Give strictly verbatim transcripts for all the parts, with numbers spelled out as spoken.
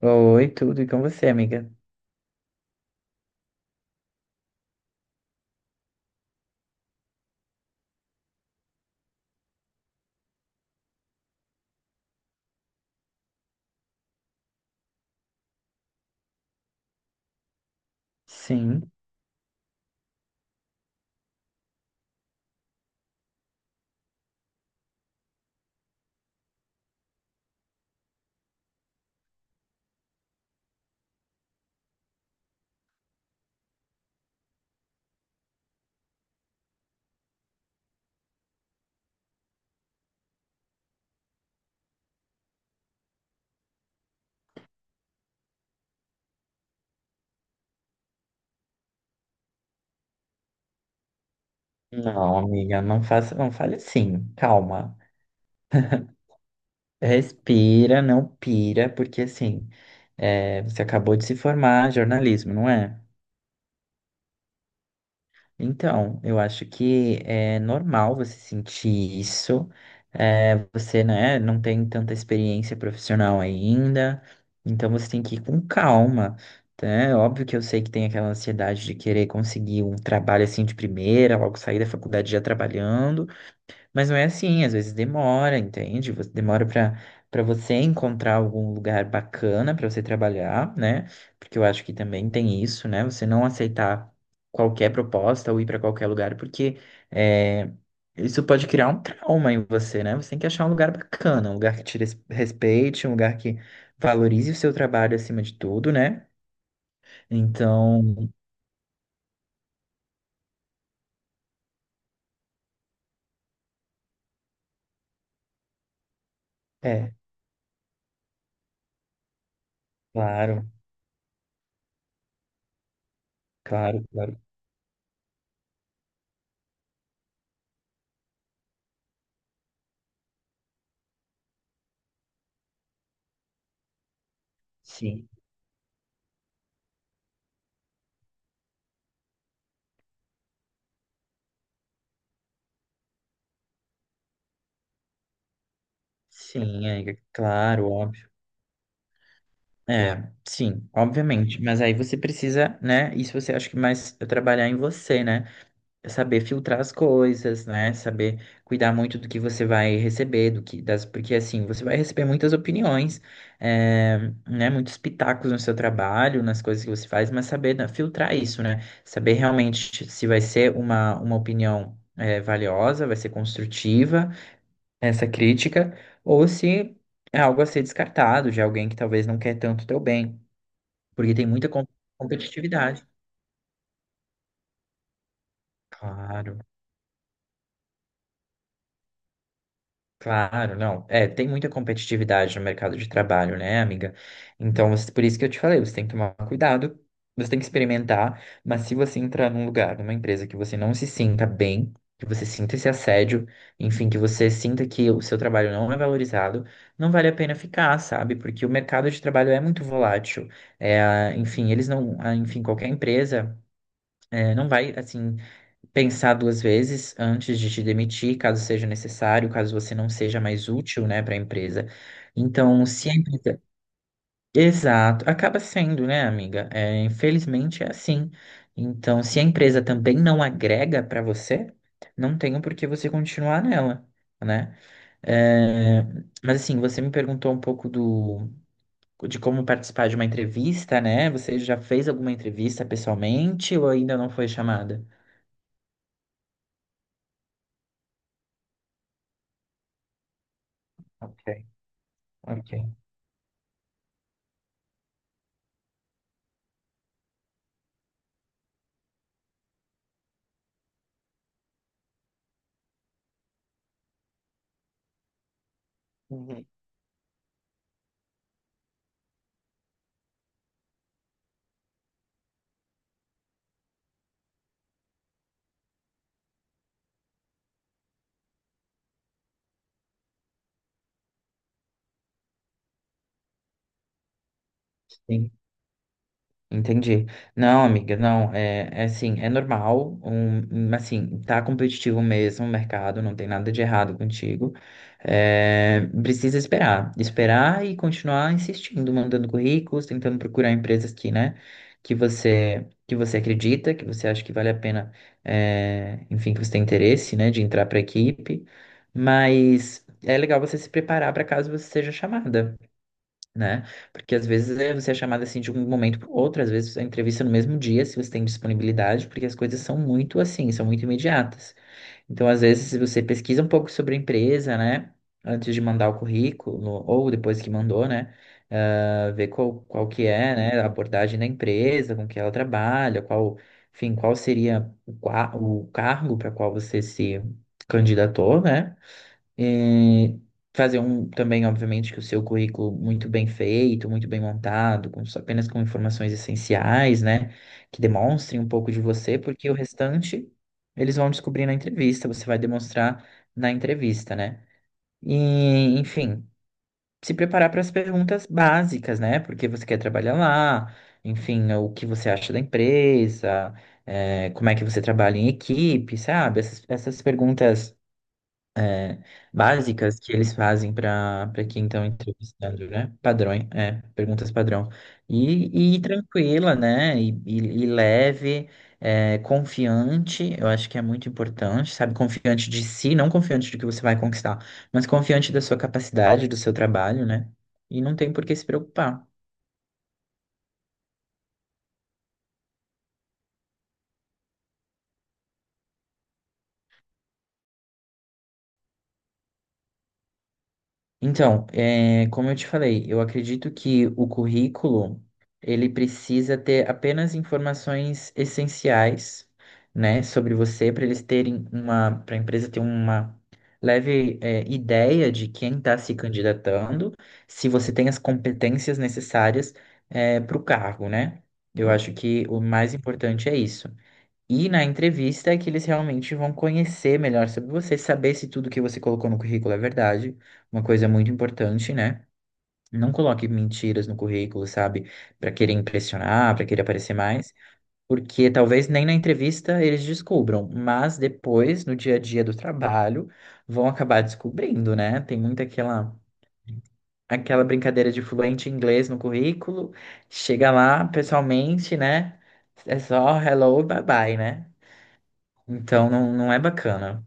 Oi, tudo, e com você, amiga? Sim. Não. Hum, amiga, não faça, não fale assim, calma. Respira, não pira, porque assim, é, você acabou de se formar em jornalismo, não é? Então, eu acho que é normal você sentir isso. É, você, né, não tem tanta experiência profissional ainda, então você tem que ir com calma, tá? É óbvio que eu sei que tem aquela ansiedade de querer conseguir um trabalho assim de primeira, logo sair da faculdade já trabalhando. Mas não é assim, às vezes demora, entende? Você- Demora para para você encontrar algum lugar bacana para você trabalhar, né? Porque eu acho que também tem isso, né? Você não aceitar qualquer proposta ou ir para qualquer lugar, porque é, isso pode criar um trauma em você, né? Você tem que achar um lugar bacana, um lugar que te res- respeite, um lugar que valorize o seu trabalho acima de tudo, né? Então, é, claro, claro, claro. Sim, sim, é, claro, óbvio. É, sim, obviamente. Mas aí você precisa, né? Isso você acha que mais é trabalhar em você, né? É saber filtrar as coisas, né? Saber cuidar muito do que você vai receber, do que das, porque assim, você vai receber muitas opiniões, é, né? Muitos pitacos no seu trabalho, nas coisas que você faz, mas saber né, filtrar isso, né? Saber realmente se vai ser uma, uma opinião é, valiosa, vai ser construtiva essa crítica, ou se é algo a ser descartado de alguém que talvez não quer tanto o teu bem. Porque tem muita com- competitividade. Claro, claro, não. É, tem muita competitividade no mercado de trabalho, né, amiga? Então, você- por isso que eu te falei, você tem que tomar cuidado, você tem que experimentar, mas se você entrar num lugar, numa empresa que você não se sinta bem, que você sinta esse assédio, enfim, que você sinta que o seu trabalho não é valorizado, não vale a pena ficar, sabe? Porque o mercado de trabalho é muito volátil. É, enfim, eles não, ah, enfim, qualquer empresa, é, não vai assim pensar duas vezes antes de te demitir, caso seja necessário, caso você não seja mais útil, né, para a empresa. Então, se a empresa... Exato, acaba sendo, né, amiga? É, infelizmente é assim. Então, se a empresa também não agrega para você, não tem o porquê você continuar nela, né? É, mas assim, você me perguntou um pouco do de como participar de uma entrevista, né? Você já fez alguma entrevista pessoalmente ou ainda não foi chamada? Ok, ok. Sim, entendi. Não, amiga, não, é, é assim, é normal, um, um, assim, tá competitivo mesmo o mercado, não tem nada de errado contigo. É, precisa esperar, esperar e continuar insistindo, mandando currículos, tentando procurar empresas que, né, que você, que você acredita, que você acha que vale a pena, é, enfim, que você tem interesse, né, de entrar para a equipe, mas é legal você se preparar para caso você seja chamada né? Porque às vezes é, você é chamado assim de um momento para outro, às vezes a entrevista é no mesmo dia, se você tem disponibilidade, porque as coisas são muito assim, são muito imediatas. Então, às vezes, se você pesquisa um pouco sobre a empresa, né? Antes de mandar o currículo, ou depois que mandou, né? ah, ver qual, qual que é, né, a abordagem da empresa, com que ela trabalha, qual, enfim, qual seria o, qua- o cargo para qual você se candidatou, né? E fazer um também, obviamente, que o seu currículo muito bem feito, muito bem montado, com, só- apenas com informações essenciais, né? Que demonstrem um pouco de você, porque o restante eles vão descobrir na entrevista, você vai demonstrar na entrevista, né? E, enfim, se preparar para as perguntas básicas, né? Porque você quer trabalhar lá, enfim, o que você acha da empresa, eh, como é que você trabalha em equipe, sabe? Essas, essas perguntas básicas que eles fazem para para quem estão entrevistando, né? Padrões, é, perguntas padrão. E, e tranquila, né? E, e, e leve, é, confiante, eu acho que é muito importante, sabe? Confiante de si, não confiante do que você vai conquistar, mas confiante da sua capacidade, do seu trabalho, né? E não tem por que se preocupar. Então, é, como eu te falei, eu acredito que o currículo ele precisa ter apenas informações essenciais, né, sobre você para eles terem uma, para a empresa ter uma leve é, ideia de quem está se candidatando, se você tem as competências necessárias para o cargo, né? Eu acho que o mais importante é isso. E na entrevista é que eles realmente vão conhecer melhor sobre você, saber se tudo que você colocou no currículo é verdade. Uma coisa muito importante, né? Não coloque mentiras no currículo, sabe? Para querer impressionar, para querer aparecer mais, porque talvez nem na entrevista eles descubram, mas depois, no dia a dia do trabalho, vão acabar descobrindo, né? Tem muita aquela aquela brincadeira de fluente em inglês no currículo, chega lá pessoalmente, né? É só hello, bye bye, né? Então não, não é bacana.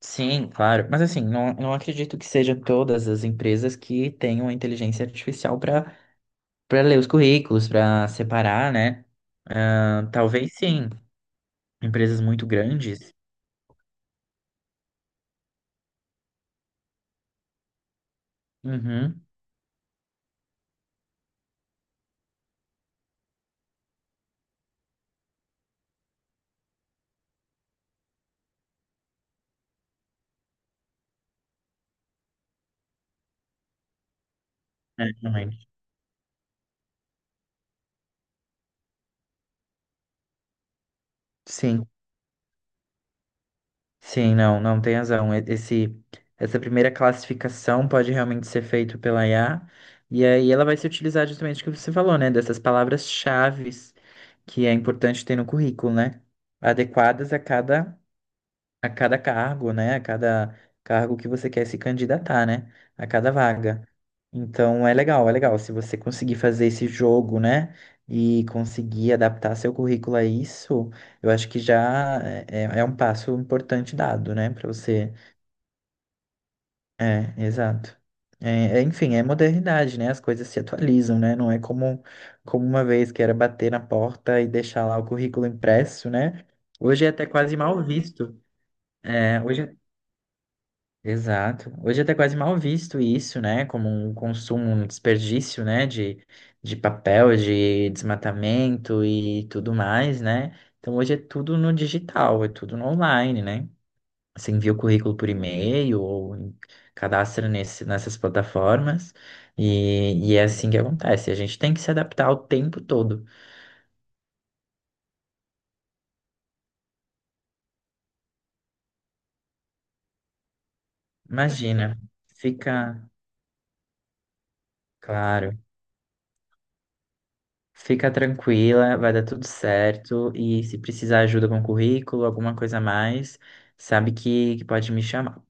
Sim, claro. Mas assim, não, não acredito que seja todas as empresas que tenham a inteligência artificial para para ler os currículos, para separar, né? Ah, talvez sim. Empresas muito grandes. Uhum. É, realmente. Sim. Sim, não, não tem razão. E- Esse, essa primeira classificação pode realmente ser feita pela I A, e aí ela vai se utilizar justamente o que você falou, né? Dessas palavras-chaves que é importante ter no currículo, né? Adequadas a cada a cada cargo, né? A cada cargo que você quer se candidatar, né? A cada vaga. Então é legal, é legal. Se você conseguir fazer esse jogo, né? E conseguir adaptar seu currículo a isso, eu acho que já é, é é um passo importante dado, né? Para você. É, exato. É, é, enfim, é modernidade, né? As coisas se atualizam, né? Não é como, como uma vez que era bater na porta e deixar lá o currículo impresso, né? Hoje é até quase mal visto. É, hoje Exato. Hoje é até quase mal visto isso, né? Como um consumo, um desperdício, né? De, de papel, de desmatamento e tudo mais, né? Então hoje é tudo no digital, é tudo no online, né? Você envia o currículo por e-mail ou em- cadastra nesse, nessas plataformas e, e é assim que acontece. A gente tem que se adaptar o tempo todo. Imagina, fica claro. Fica tranquila, vai dar tudo certo. E se precisar ajuda com currículo, alguma coisa a mais, sabe que, que pode me chamar.